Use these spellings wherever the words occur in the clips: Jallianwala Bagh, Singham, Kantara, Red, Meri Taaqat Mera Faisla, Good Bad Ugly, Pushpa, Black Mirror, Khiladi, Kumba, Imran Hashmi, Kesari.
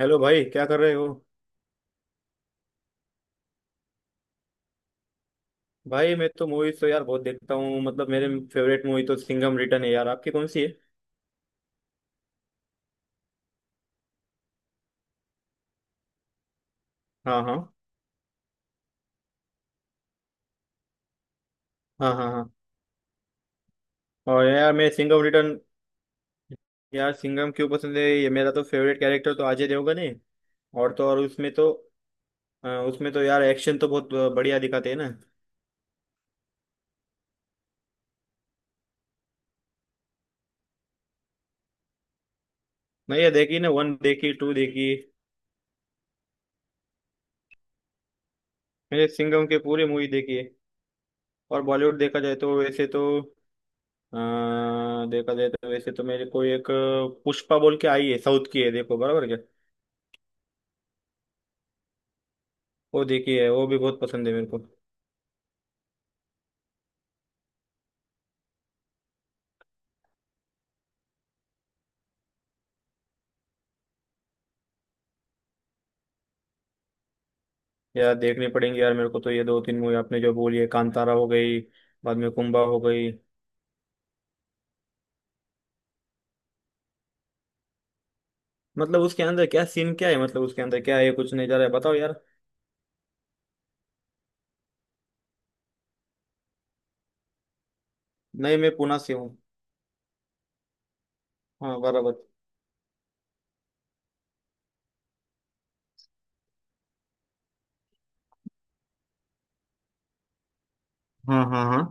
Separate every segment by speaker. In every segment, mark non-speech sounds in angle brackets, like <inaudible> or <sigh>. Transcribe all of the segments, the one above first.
Speaker 1: Hello भाई, क्या कर रहे हो। भाई मैं तो मूवीज तो यार बहुत देखता हूँ, मतलब मेरे फेवरेट मूवी तो सिंघम रिटर्न है यार, आपकी कौन सी है। हाँ, हाँ, हाँ, हाँ, हाँ। और यार मैं सिंघम रिटर्न, यार सिंघम क्यों पसंद है, ये मेरा तो फेवरेट कैरेक्टर तो अजय देवगन है। और तो और उसमें तो उसमें तो यार एक्शन तो बहुत बढ़िया दिखाते हैं ना। मैं ये देखी ना, 1 देखी, 2 देखी। मैंने सिंघम के पूरी मूवी देखी है। और बॉलीवुड देखा जाए तो वैसे तो अ, देखा जाए तो वैसे तो मेरे को एक पुष्पा बोल के आई है, साउथ की है, देखो बराबर क्या। वो देखी है, वो भी बहुत पसंद है मेरे को। यार देखनी पड़ेंगी यार, मेरे को तो ये दो तीन मूवी आपने जो बोली है, कांतारा हो गई, बाद में कुंबा हो गई। मतलब उसके अंदर क्या सीन क्या है, मतलब उसके अंदर क्या है, कुछ नहीं जा रहा है, बताओ यार। नहीं, मैं पुणे से हूँ। हाँ बराबर। हाँ, हाँ, हाँ,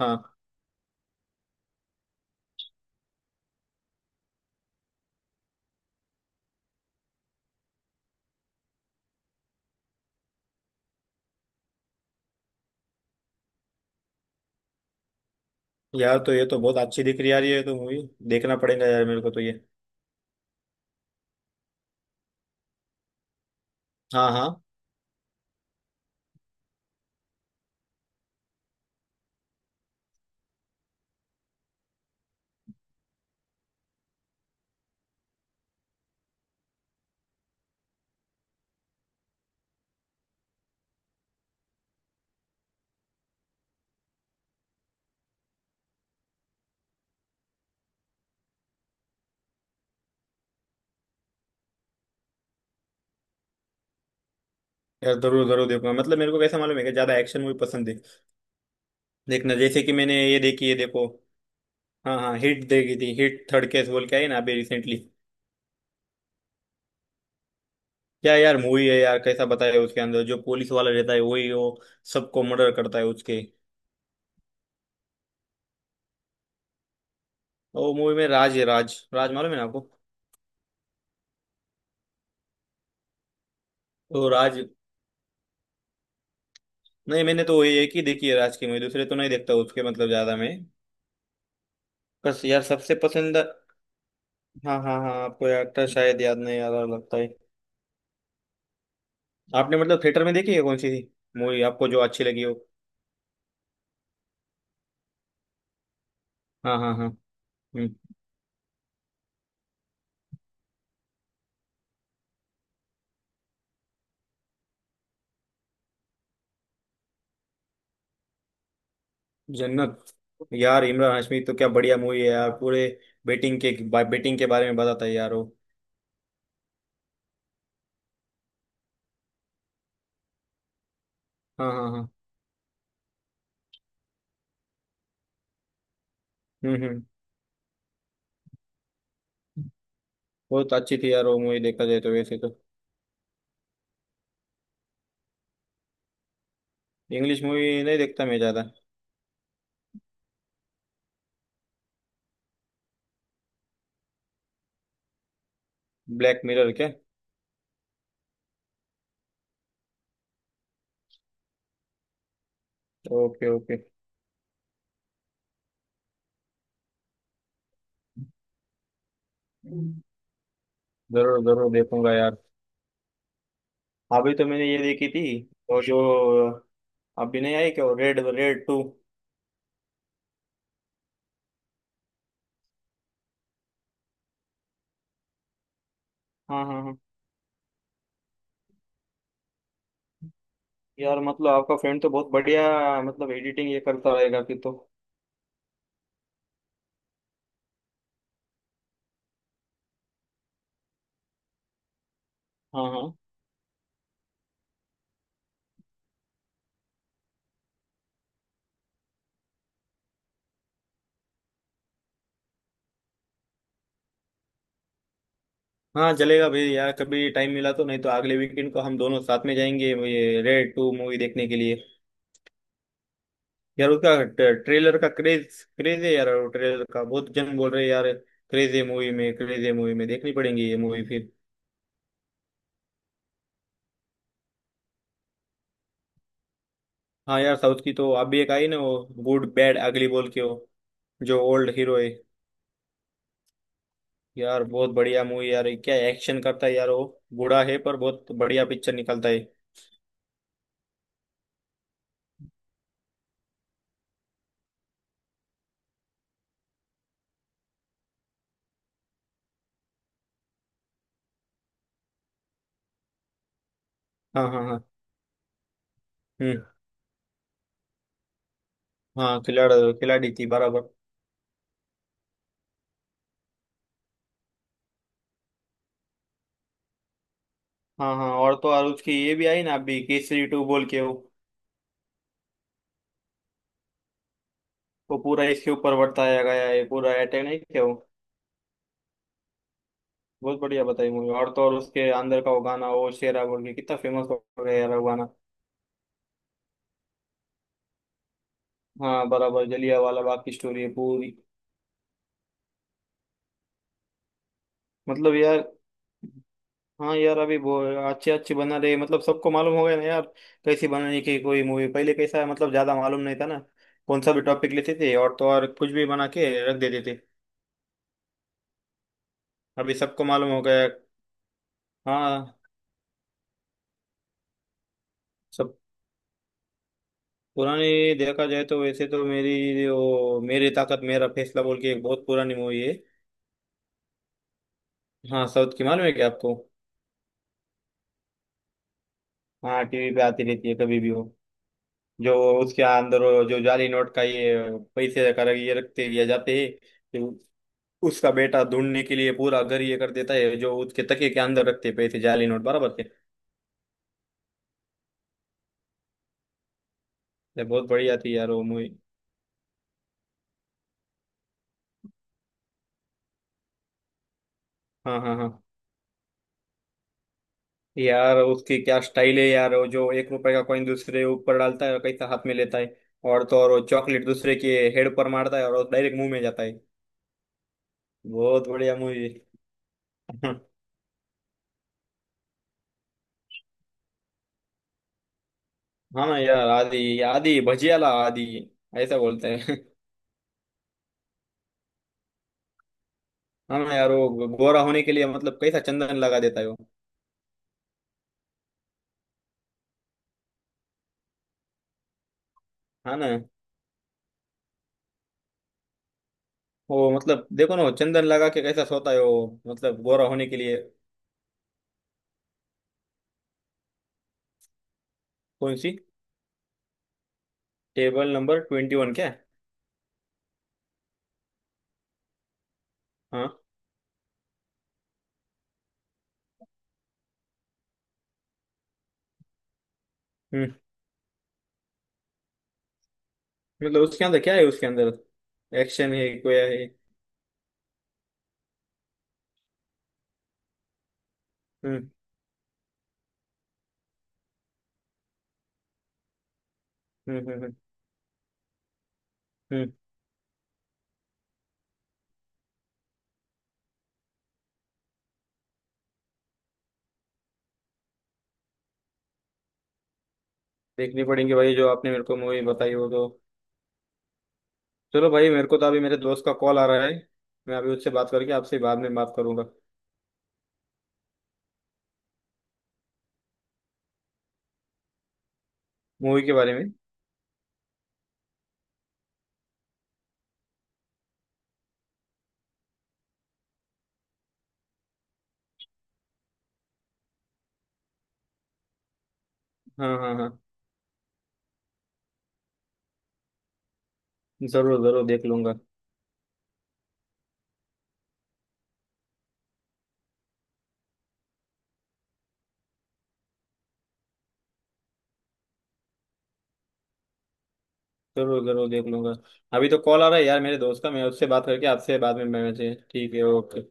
Speaker 1: हाँ। यार तो ये तो बहुत अच्छी दिख रही यार, ये तो मूवी, देखना पड़ेगा यार मेरे को तो ये। हाँ, हाँ। यार जरूर जरूर देखूंगा, मतलब मेरे को कैसा मालूम है कि ज्यादा एक्शन मूवी पसंद है। देखना जैसे कि मैंने ये देखी है देखो। हाँ, हाँ, हिट देखी थी, हिट थर्ड केस बोल के आई ना अभी रिसेंटली। क्या यार मूवी है यार, कैसा बताया उसके अंदर, जो पुलिस वाला रहता है वही वो सबको मर्डर करता है उसके। तो वो मूवी में राज है, राज राज मालूम है ना आपको। तो राज, नहीं मैंने तो वही एक ही देखी है राज की मूवी, दूसरे तो नहीं देखता उसके, मतलब ज्यादा मैं। बस यार सबसे पसंद। हाँ, हाँ, हाँ, आपको एक्टर शायद याद नहीं आ रहा लगता है। आपने मतलब थिएटर में देखी है कौन सी मूवी आपको जो अच्छी लगी हो। हाँ, हाँ, हाँ। हम्म। जन्नत, यार इमरान हाशमी तो क्या बढ़िया मूवी है यार, पूरे बेटिंग के, बेटिंग के बारे में बताता है यार वो। हाँ, हाँ, हाँ। हम्म, हम्म। बहुत अच्छी थी यार वो मूवी, देखा जाए तो वैसे तो। इंग्लिश मूवी नहीं देखता मैं ज्यादा। ब्लैक मिरर क्या। Okay, okay. जरूर जरूर देखूंगा यार। अभी तो मैंने ये देखी थी और जो, अभी नहीं आई क्या रेड रेड 2। हाँ, हाँ, हाँ। यार मतलब आपका फ्रेंड तो बहुत बढ़िया, मतलब एडिटिंग ये करता रहेगा फिर तो। हाँ, हाँ। हाँ चलेगा भाई यार, कभी टाइम मिला तो, नहीं तो अगले वीकेंड को हम दोनों साथ में जाएंगे ये रेड 2 मूवी देखने के लिए। यार उसका ट्रेलर का क्रेज क्रेज है यार वो, ट्रेलर का बहुत जन बोल रहे हैं यार। क्रेज है मूवी में, क्रेज है मूवी में, देखनी पड़ेंगी ये मूवी फिर। हाँ यार साउथ की तो अभी एक आई ना वो, गुड बैड अगली बोल के, वो जो ओल्ड हीरो है। यार बहुत बढ़िया मूवी यार, क्या एक्शन करता है यार वो, बूढ़ा है पर बहुत बढ़िया पिक्चर निकलता है। हाँ, हाँ, हाँ। हम्म। हाँ, खिलाड़ी, खिलाड़ी थी बराबर। हाँ, हाँ, और तो और उसकी ये भी आई ना अभी केसरी 2 बोल के वो पूरा इसके ऊपर वर्ताया गया है, पूरा अटैक नहीं क्या वो, बहुत बढ़िया बताई मूवी। और तो और उसके अंदर का वो गाना, वो शेरा बोल के, कितना फेमस हो गया यार वो गाना। हाँ बराबर, जलिया वाला बाग की स्टोरी है पूरी। मतलब यार, हाँ यार अभी बहुत अच्छे अच्छे बना रहे, मतलब सबको मालूम हो गया ना यार, कैसी बनाने की। कोई मूवी पहले कैसा है, मतलब ज्यादा मालूम नहीं था ना, कौन सा भी टॉपिक लेते थे और तो और कुछ भी बना के रख देते थे। अभी सबको मालूम हो गया। हाँ। सब पुरानी, देखा जाए तो वैसे तो मेरी वो, मेरी ताकत मेरा फैसला बोल के एक बहुत पुरानी मूवी है। हाँ, साउथ की, मालूम है क्या आपको। हाँ टीवी पे आती रहती है कभी भी वो, जो उसके अंदर वो जो जाली नोट का ये पैसे कर ये रखते दिया जाते हैं, तो उसका बेटा ढूंढने के लिए पूरा घर ये कर देता है, जो उसके तकिए के अंदर रखते हैं पैसे जाली नोट बराबर से। ये बहुत बढ़िया थी यार वो मूवी। हाँ, हाँ, हाँ। यार उसकी क्या स्टाइल है यार, वो जो एक रुपए का कॉइन दूसरे ऊपर डालता है और कैसा हाथ में लेता है, और तो और वो चॉकलेट दूसरे के हेड पर मारता है और डायरेक्ट मुंह में जाता है। बहुत बढ़िया मूवी। <laughs> हाँ यार आदि आदि भजियाला आदि ऐसा बोलते हैं। हाँ ना यार, वो गोरा होने के लिए मतलब कैसा चंदन लगा देता है वो। हाँ ना, वो मतलब देखो ना, वो चंदन लगा के कैसा सोता है वो मतलब गोरा होने के लिए। कौन सी। टेबल नंबर 21 क्या। हाँ। हम्म। मतलब उसके अंदर क्या है, उसके अंदर एक्शन है कोया है। हम्म, हम्म, हम्म, हम्म, हम्म। देखनी पड़ेंगे भाई जो आपने मेरे को मूवी बताई हो तो। चलो भाई मेरे को तो अभी मेरे दोस्त का कॉल आ रहा है, मैं अभी उससे बात करके आपसे बाद में बात करूंगा। मूवी के बारे में। हाँ, हाँ, हाँ। जरूर जरूर देख लूंगा। जरूर जरूर देख लूंगा। अभी तो कॉल आ रहा है यार मेरे दोस्त का, मैं उससे बात करके आपसे बाद में मिलना चाहिए, ठीक है ओके।